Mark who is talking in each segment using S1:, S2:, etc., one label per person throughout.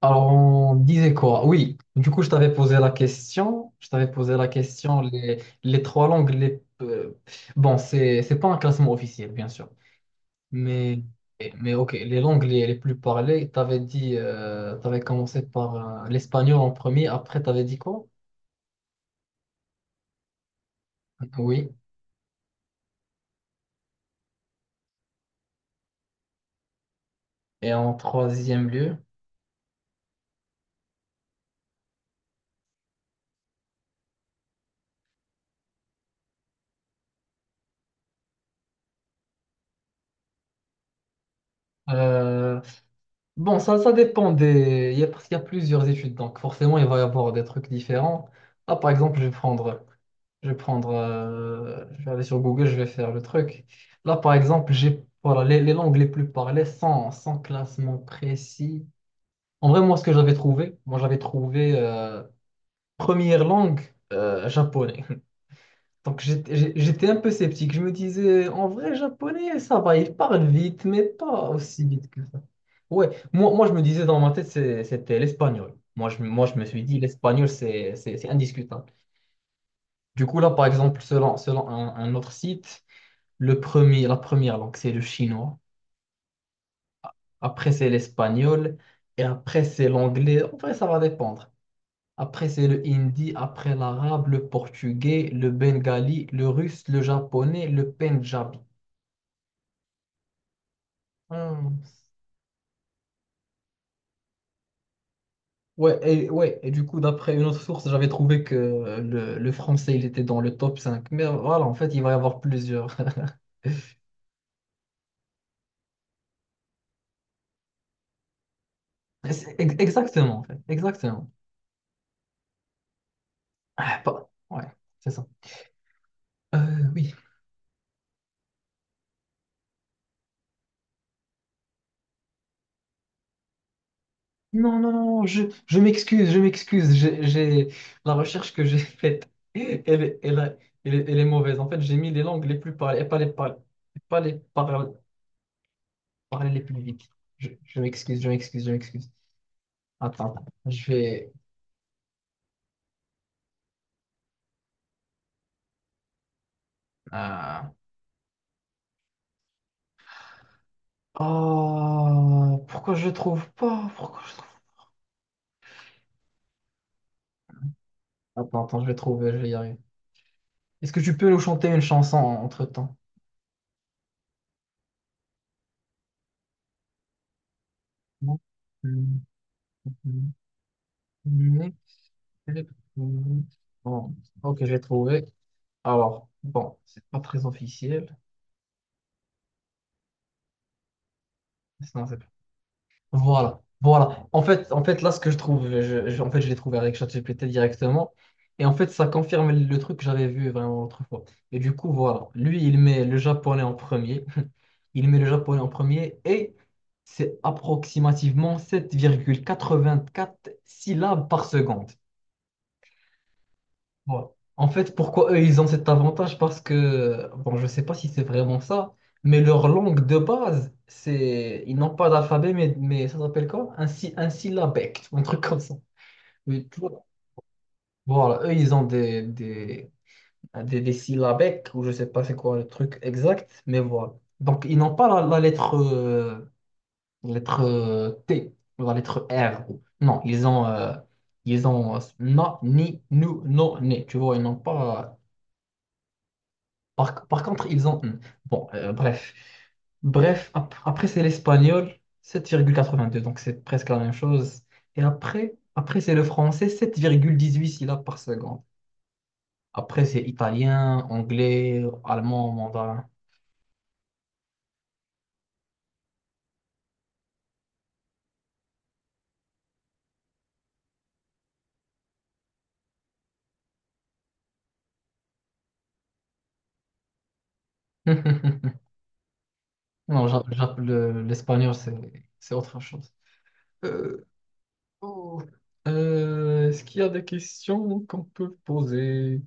S1: Alors, on disait quoi? Oui, du coup, je t'avais posé la question. Je t'avais posé la question, les trois langues, bon, c'est pas un classement officiel, bien sûr. Mais, mais ok, les langues les plus parlées, t'avais commencé par l'espagnol en premier, après t'avais dit quoi? Oui. Et en troisième lieu, euh, bon, ça dépend des... parce qu'il y a plusieurs études, donc forcément, il va y avoir des trucs différents. Ah, par exemple, je vais prendre... Je vais aller sur Google, je vais faire le truc. Là, par exemple, j'ai... Voilà, les langues les plus parlées sans classement précis. En vrai, moi, ce que j'avais trouvé, moi, j'avais trouvé première langue japonais. Donc j'étais un peu sceptique. Je me disais, en vrai, japonais, ça va, il parle vite, mais pas aussi vite que ça. Ouais, moi je me disais dans ma tête, c'était l'espagnol. Moi je me suis dit, l'espagnol, c'est indiscutable. Du coup, là, par exemple, selon un autre site, le premier, la première langue, c'est le chinois. Après, c'est l'espagnol. Et après, c'est l'anglais. En vrai, ça va dépendre. Après, c'est le hindi. Après, l'arabe, le portugais, le bengali, le russe, le japonais, le pendjabi. Hmm. Ouais, et, ouais, et du coup, d'après une autre source, j'avais trouvé que le français, il était dans le top 5. Mais voilà, en fait, il va y avoir plusieurs. C'est exactement, en fait. Exactement. Ah, ouais, c'est ça. Euh, oui. Non, non, non, je m'excuse, je m'excuse. La recherche que j'ai faite, elle est mauvaise. En fait, j'ai mis les langues les plus parlées, et pas pas les par- parlées les plus vite. Je m'excuse, je m'excuse, je m'excuse. Attends, je vais... euh, Ah, pourquoi je trouve pas? Pourquoi je trouve pas? Attends, attends, je vais trouver, je vais y arriver. Est-ce que tu peux nous chanter une chanson entre-temps? Non. Bon, ok, j'ai trouvé. Alors, bon, c'est pas très officiel. Sinon, voilà, voilà. En fait, là, ce que je trouve, en fait, je l'ai trouvé avec ChatGPT directement. Et en fait, ça confirme le truc que j'avais vu vraiment l'autre fois. Et du coup, voilà. Lui, il met le japonais en premier. Il met le japonais en premier et c'est approximativement 7,84 syllabes par seconde. Voilà. En fait, pourquoi eux, ils ont cet avantage? Parce que, bon, je ne sais pas si c'est vraiment ça, mais leur langue de base, c'est, ils n'ont pas d'alphabet, mais ça s'appelle quoi? Un syllabèque, un truc comme ça. Oui, tu vois. Voilà, eux, ils ont des syllabèques, ou je ne sais pas c'est quoi le truc exact, mais voilà. Donc, ils n'ont pas la lettre T ou la lettre R, ou non, ils ont na, ni, nous, non, né. Tu vois, ils n'ont pas. Par contre, ils ont n. Bon, bref. Bref, après, c'est l'espagnol, 7,82. Donc, c'est presque la même chose. Et après c'est le français, 7,18 syllabes par seconde. Après, c'est italien, anglais, allemand, mandarin. Non, l'espagnol, c'est autre chose. Euh, Oh. Est-ce qu'il y a des questions qu'on peut poser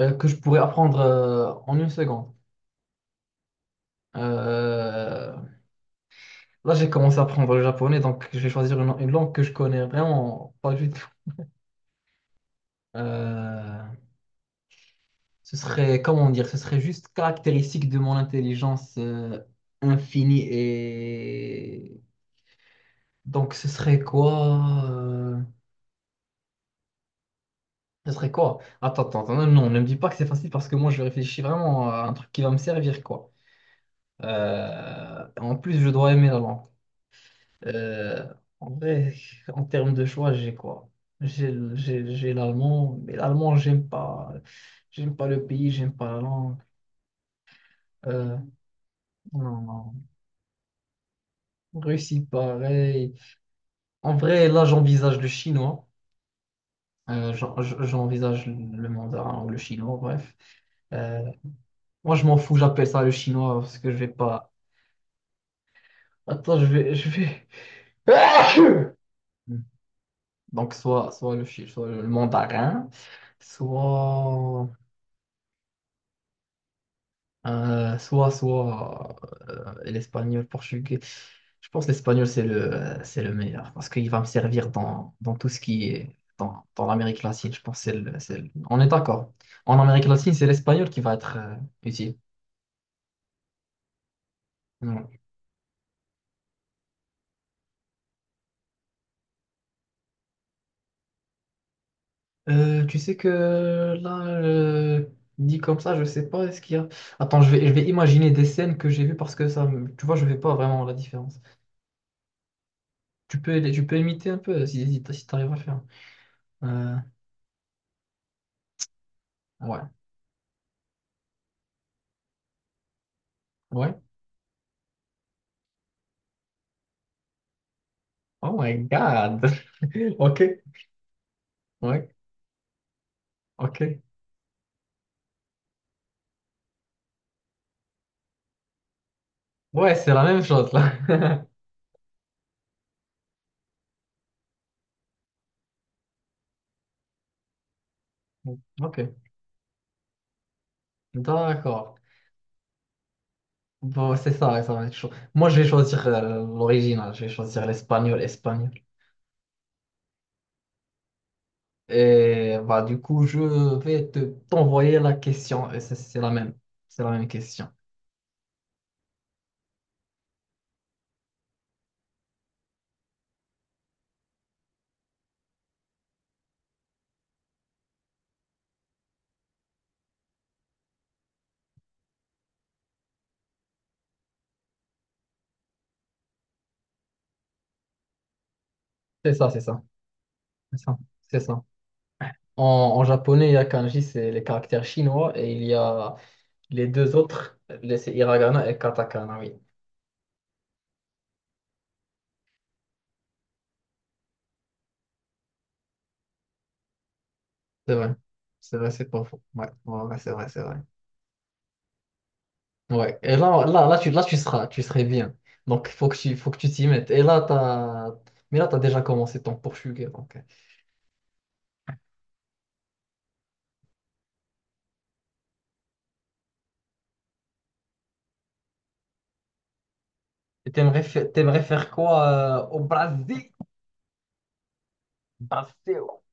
S1: que je pourrais apprendre en une seconde? Euh, Là, j'ai commencé à apprendre le japonais, donc je vais choisir une langue que je connais vraiment pas du tout. Euh, Ce serait, comment dire, ce serait juste caractéristique de mon intelligence infinie, et donc ce serait quoi? Ce serait quoi? Attends, attends, attends, non, ne me dis pas que c'est facile parce que moi je réfléchis vraiment à un truc qui va me servir, quoi. En plus, je dois aimer la langue. Euh, En vrai, en termes de choix, j'ai quoi? J'ai l'allemand, mais l'allemand, j'aime pas. J'aime pas le pays, j'aime pas la langue. Euh, non, non. Russie, pareil. En vrai, là, j'envisage le chinois. J'envisage le mandarin ou le chinois, bref. Euh, Moi, je m'en fous, j'appelle ça le chinois parce que je vais pas. Attends, je vais. Donc, soit le mandarin, soit, soit l'espagnol, portugais. Je pense que l'espagnol, c'est le meilleur parce qu'il va me servir dans tout ce qui est dans l'Amérique latine. Je pense que on est d'accord. En Amérique latine, c'est l'espagnol qui va être utile. Ouais. Tu sais que là, dit comme ça, je sais pas, est-ce qu'il y a... Attends, je vais imaginer des scènes que j'ai vues parce que ça, tu vois, je ne fais pas vraiment la différence. Tu peux imiter un peu si t'arrives à le faire. Euh, ouais, ouais. Oh my God. Ok, ouais, ok. Ouais, c'est la même chose là. Ok, d'accord. Bon, c'est ça, ouais, ça va être chaud. Moi, je vais choisir l'original, je vais choisir l'espagnol, espagnol. Et bah, du coup, je vais te t'envoyer la question. Et c'est la même, c'est la même question. C'est ça, c'est ça, c'est ça, c'est ça. En japonais, il y a kanji, c'est les caractères chinois, et il y a les deux autres, c'est hiragana et katakana, oui. C'est vrai. C'est vrai, c'est pas faux. Ouais, ouais, ouais, c'est vrai, c'est vrai. Ouais. Et là, là, là, tu, là, tu serais bien. Donc, faut que tu t'y mettes. Et là, t'as... Mais là, tu as déjà commencé ton portugais. Donc... Et t'aimerais faire quoi au Brésil? Brasil.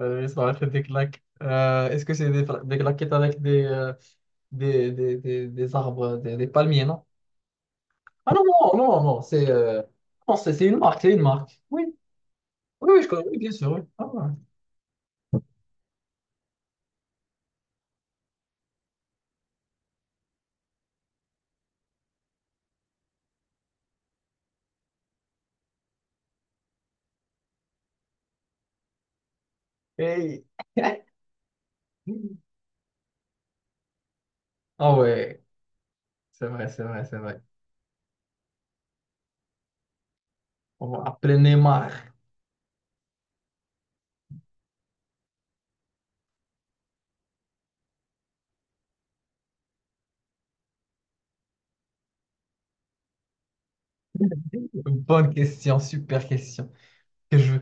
S1: Ça va être des claques. Est-ce que c'est des claquettes avec des arbres, des palmiers, non? Ah non, non, non, non, c'est non, c'est une marque, c'est une marque. Oui. Oui, oui, je connais, oui, bien sûr. Oui. Ah ouais. Hey. Ah ouais, c'est vrai, c'est vrai, c'est vrai. On va appeler Neymar. Bonne question, super question. Que je,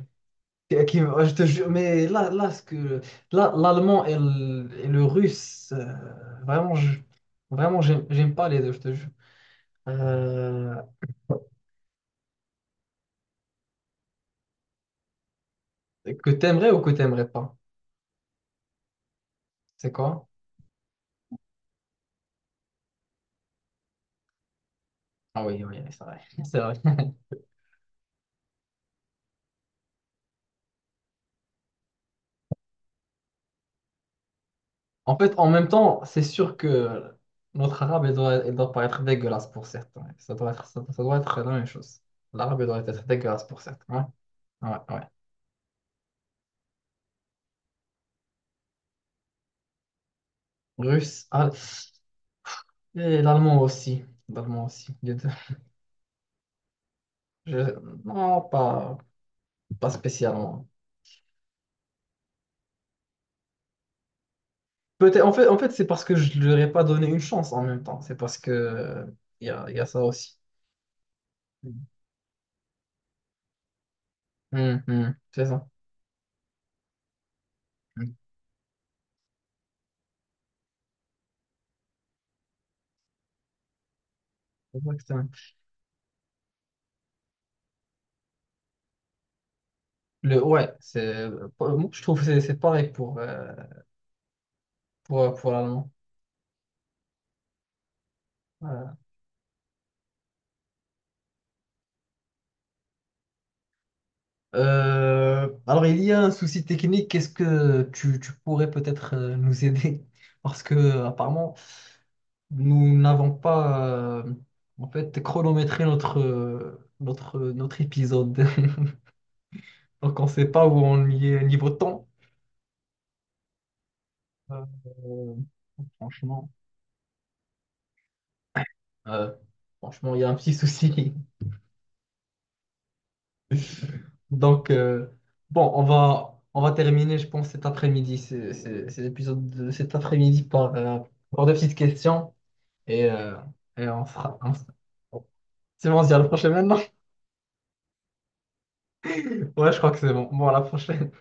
S1: que- qui- Ah, je te jure, mais là, là, là, l'allemand et le russe, vraiment, vraiment, j'aime pas les deux, je te jure. Euh, que t'aimerais ou que t'aimerais pas? C'est quoi? Ah oui, oui, c'est vrai, c'est vrai. En fait, en même temps, c'est sûr que notre arabe, il doit paraître dégueulasse pour certains. Ça doit être la même chose. L'arabe, elle doit être dégueulasse pour certains. Ouais, ouais, ouais. Russe, et l'allemand aussi. L'allemand aussi. Les deux. Je- Non, pas spécialement. Peut-être, en fait c'est parce que je ne leur ai pas donné une chance en même temps. C'est parce que il y a ça aussi. Hum, c'est ça. Hum. C'est ouais, moi, je trouve que c'est pareil pour l'allemand. Voilà. Alors, il y a un souci technique. Est-ce que tu pourrais peut-être nous aider? Parce que, apparemment, nous n'avons pas euh, en fait chronométré notre épisode. Donc, on ne sait pas où on y est niveau temps. Euh, euh, franchement, euh, franchement il y a un petit souci. Donc, bon, on va terminer, je pense, cet après-midi, cet épisode de cet après-midi par deux petites questions. Et, euh, et c'est bon, on se dit à la prochaine maintenant? Ouais, je crois que c'est bon. Bon, à la prochaine.